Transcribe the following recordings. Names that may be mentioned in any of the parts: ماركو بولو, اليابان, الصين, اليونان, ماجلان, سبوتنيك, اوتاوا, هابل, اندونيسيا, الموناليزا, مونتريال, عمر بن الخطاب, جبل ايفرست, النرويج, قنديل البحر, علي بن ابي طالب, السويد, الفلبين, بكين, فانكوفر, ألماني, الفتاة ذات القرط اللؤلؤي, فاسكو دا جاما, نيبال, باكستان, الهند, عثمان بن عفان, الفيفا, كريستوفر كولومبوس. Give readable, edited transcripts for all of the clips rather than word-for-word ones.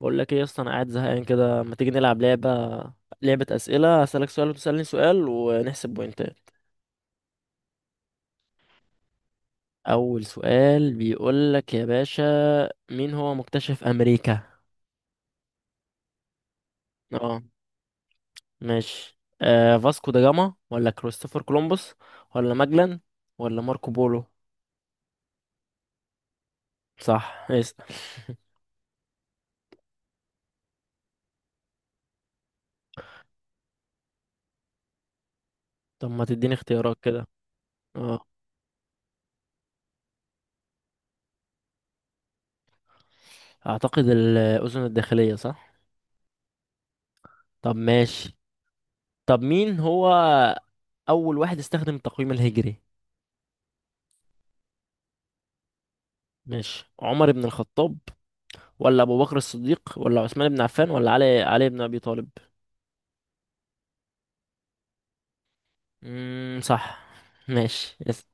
بقول لك ايه يا اسطى، انا قاعد زهقان كده. ما تيجي نلعب لعبه؟ لعبه اسئله، اسالك سؤال وتسالني سؤال ونحسب بوينتات. اول سؤال بيقول لك يا باشا، مين هو مكتشف امريكا؟ اه ماشي، فاسكو دا جاما ولا كريستوفر كولومبوس ولا ماجلان ولا ماركو بولو؟ صح. اسال. طب ما تديني اختيارات كده؟ اه اعتقد الاذن الداخليه، صح؟ طب ماشي. طب مين هو اول واحد استخدم التقويم الهجري؟ ماشي، عمر بن الخطاب ولا ابو بكر الصديق ولا عثمان بن عفان ولا علي بن ابي طالب؟ صح. ماشي يس.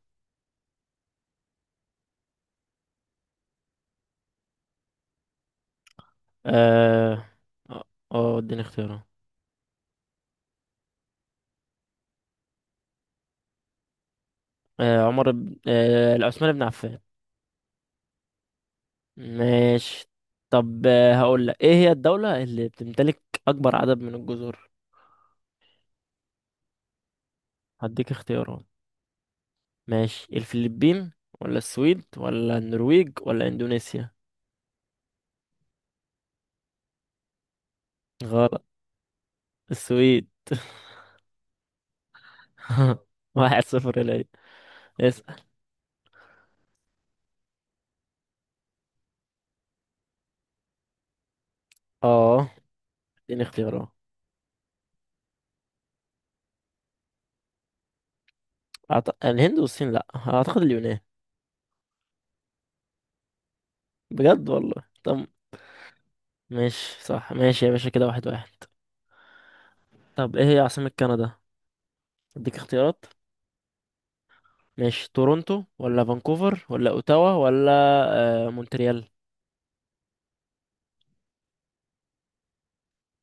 اه اه اديني اختيارات. آه عمر بن آه لا، عثمان بن عفان. ماشي. طب هقول لك، ايه هي الدولة اللي بتمتلك اكبر عدد من الجزر؟ هديك اختيارات. ماشي، الفلبين ولا السويد ولا النرويج ولا اندونيسيا؟ غلط، السويد. واحد صفر ليا. اسأل. اه اديني اختيارات. الهند والصين لأ، أعتقد اليونان. بجد والله؟ طب ماشي، صح. ماشي يا باشا، كده واحد واحد. طب ايه هي عاصمة كندا؟ اديك اختيارات. ماشي، تورونتو ولا فانكوفر ولا اوتاوا ولا مونتريال؟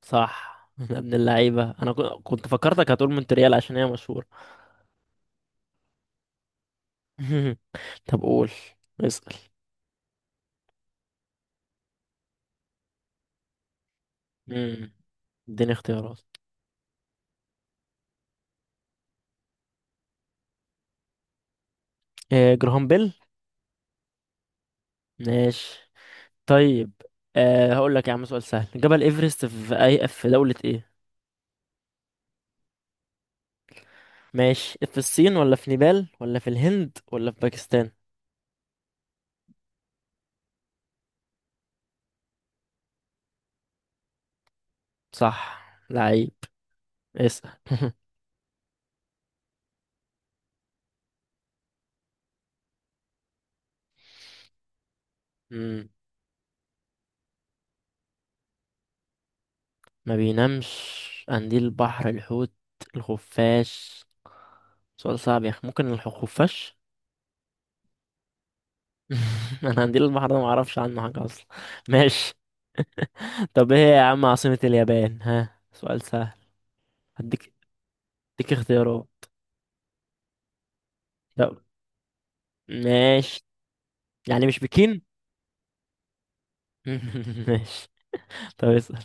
صح. يا ابن اللعيبة، انا كنت فكرتك هتقول مونتريال عشان هي مشهورة. طب قول، اسأل. مم. اديني اختيارات. جراهام بيل. ماشي. طيب، هقول لك يا عم سؤال سهل. جبل ايفرست في اي، في دولة ايه؟ ماشي، في الصين ولا في نيبال ولا في الهند ولا في باكستان؟ صح. لعيب. اسأل. مم. ما بينامش؟ قنديل البحر، الحوت، الخفاش. سؤال صعب يا اخي. ممكن الخفاش. انا قنديل البحر ده ما اعرفش عنه حاجه اصلا. ماشي. طب ايه يا عم عاصمة اليابان؟ ها سؤال سهل. هديك هديك اختيارات. طب ماشي. يعني مش بكين. ماشي. طب اسأل.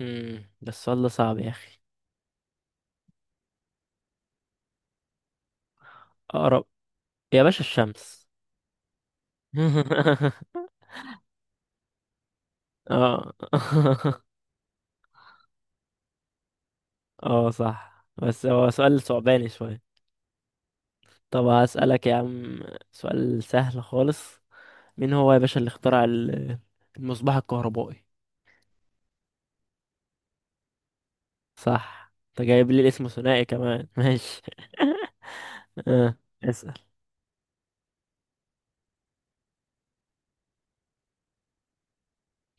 مم. ده السؤال ده صعب يا اخي. اقرب؟ يا باشا الشمس. اه. اه صح، بس هو سؤال صعباني شوية. طب هسألك يا عم سؤال سهل خالص. مين هو يا باشا اللي اخترع المصباح الكهربائي؟ صح. انت جايب لي الاسم ثنائي كمان. ماشي. اه. اسأل.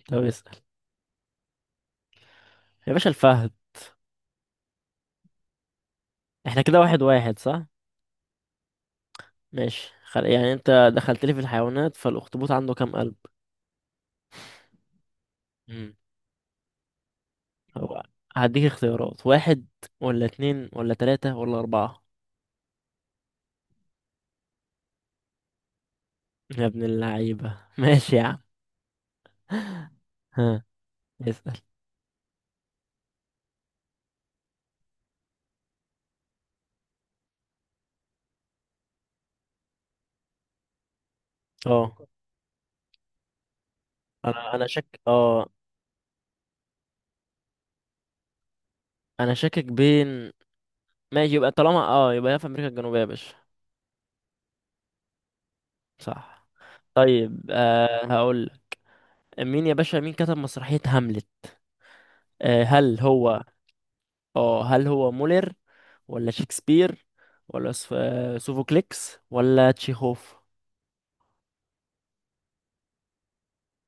طب اسأل. يا باشا الفهد. احنا كده واحد واحد، صح؟ ماشي. يعني انت دخلت لي في الحيوانات، فالأخطبوط عنده كام قلب؟ مم. هو هديك اختيارات، واحد ولا اتنين ولا تلاتة ولا أربعة؟ يا ابن اللعيبة. ماشي يا عم. ها، اسأل. اه، انا شك اه، انا شاكك بين. ماشي، يبقى طالما اه، يبقى هي في امريكا الجنوبية يا باشا. صح. طيب، هقول. مين يا باشا، مين كتب مسرحية هاملت؟ آه هل هو اه هل هو مولر ولا شكسبير ولا سف... آه، سوفوكليكس ولا تشيخوف؟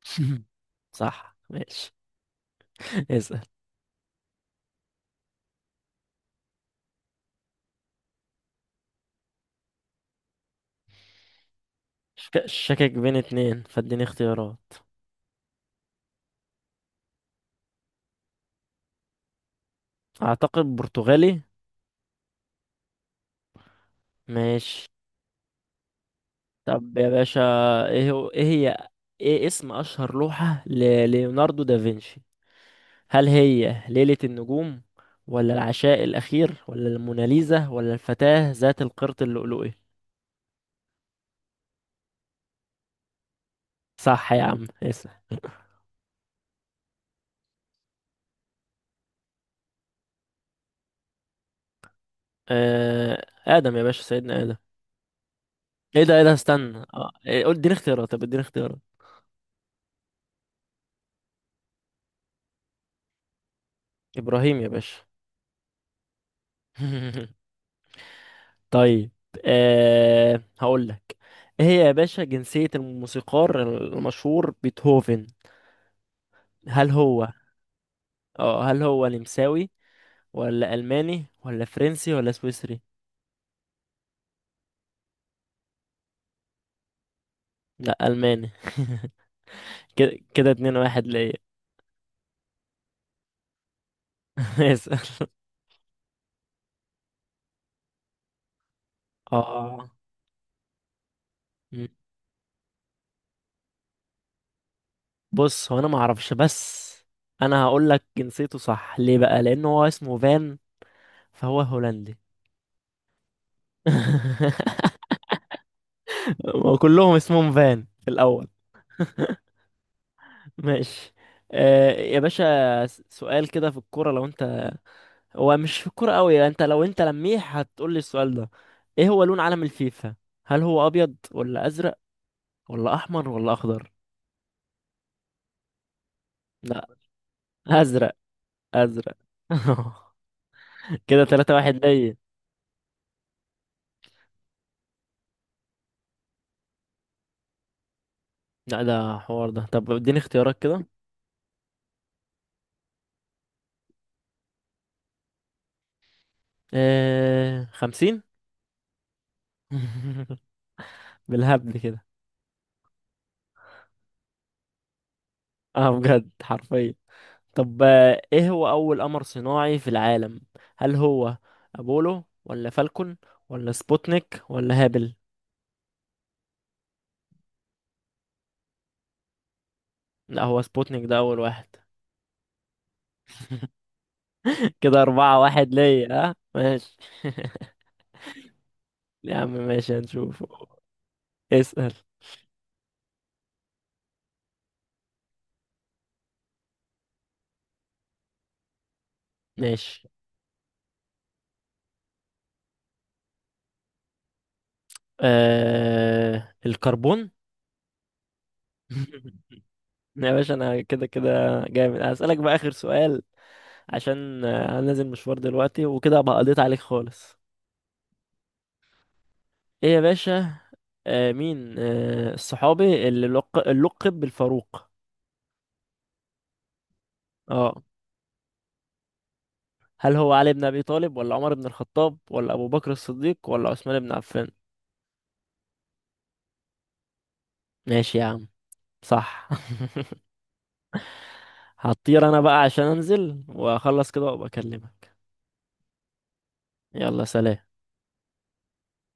صح. ماشي. اسأل. شاكك بين اتنين، فاديني اختيارات. اعتقد برتغالي. ماشي. طب يا باشا، ايه هي ايه اسم اشهر لوحة لليوناردو دافنشي؟ هل هي ليلة النجوم ولا العشاء الاخير ولا الموناليزا ولا الفتاة ذات القرط اللؤلؤي؟ صح يا عم. اسم. ادم يا باشا، سيدنا ادم. ايه ده استنى، اه إيه قول اديني اختيارات طب اديني اختيارات. ابراهيم يا باشا. طيب، هقول لك، ايه هي يا باشا جنسية الموسيقار المشهور بيتهوفن؟ هل هو اه هل هو نمساوي ولا ألماني ولا فرنسي ولا سويسري؟ لا، ألماني. كده كده اتنين واحد ليا. اسأل. اه. مم. بص، هو انا ما اعرفش، بس انا هقول لك جنسيته صح ليه؟ بقى لان هو اسمه فان، فهو هولندي. وكلهم اسمهم فان في الاول. ماشي. يا باشا سؤال كده في الكورة. لو انت، هو مش في الكورة قوي انت، لو انت لميح هتقول لي السؤال ده. ايه هو لون علم الفيفا؟ هل هو ابيض ولا ازرق ولا احمر ولا اخضر؟ لا، ازرق، ازرق. كده تلاتة واحد ليا. لا ده حوار ده. طب اديني اختيارات كده. خمسين. بالهبل كده. اه بجد، حرفيا. طب ايه هو اول قمر صناعي في العالم؟ هل هو ابولو ولا فالكون ولا سبوتنيك ولا هابل؟ لا، هو سبوتنيك ده اول واحد. كده أربعة واحد ليا. ها ماشي. يا عم ماشي، هنشوف. اسأل. ماشي. الكربون. يا باشا، أنا كده كده جامد. هسألك بقى آخر سؤال، عشان أنا نازل مشوار دلوقتي وكده أبقى قضيت عليك خالص. إيه يا باشا؟ آه مين آه الصحابي اللي لقب بالفاروق؟ اه هل هو علي بن أبي طالب ولا عمر بن الخطاب ولا أبو بكر الصديق ولا عثمان بن عفان؟ ماشي يا عم، صح. هطير انا بقى عشان انزل واخلص كده وابقى اكلمك. يلا سلام.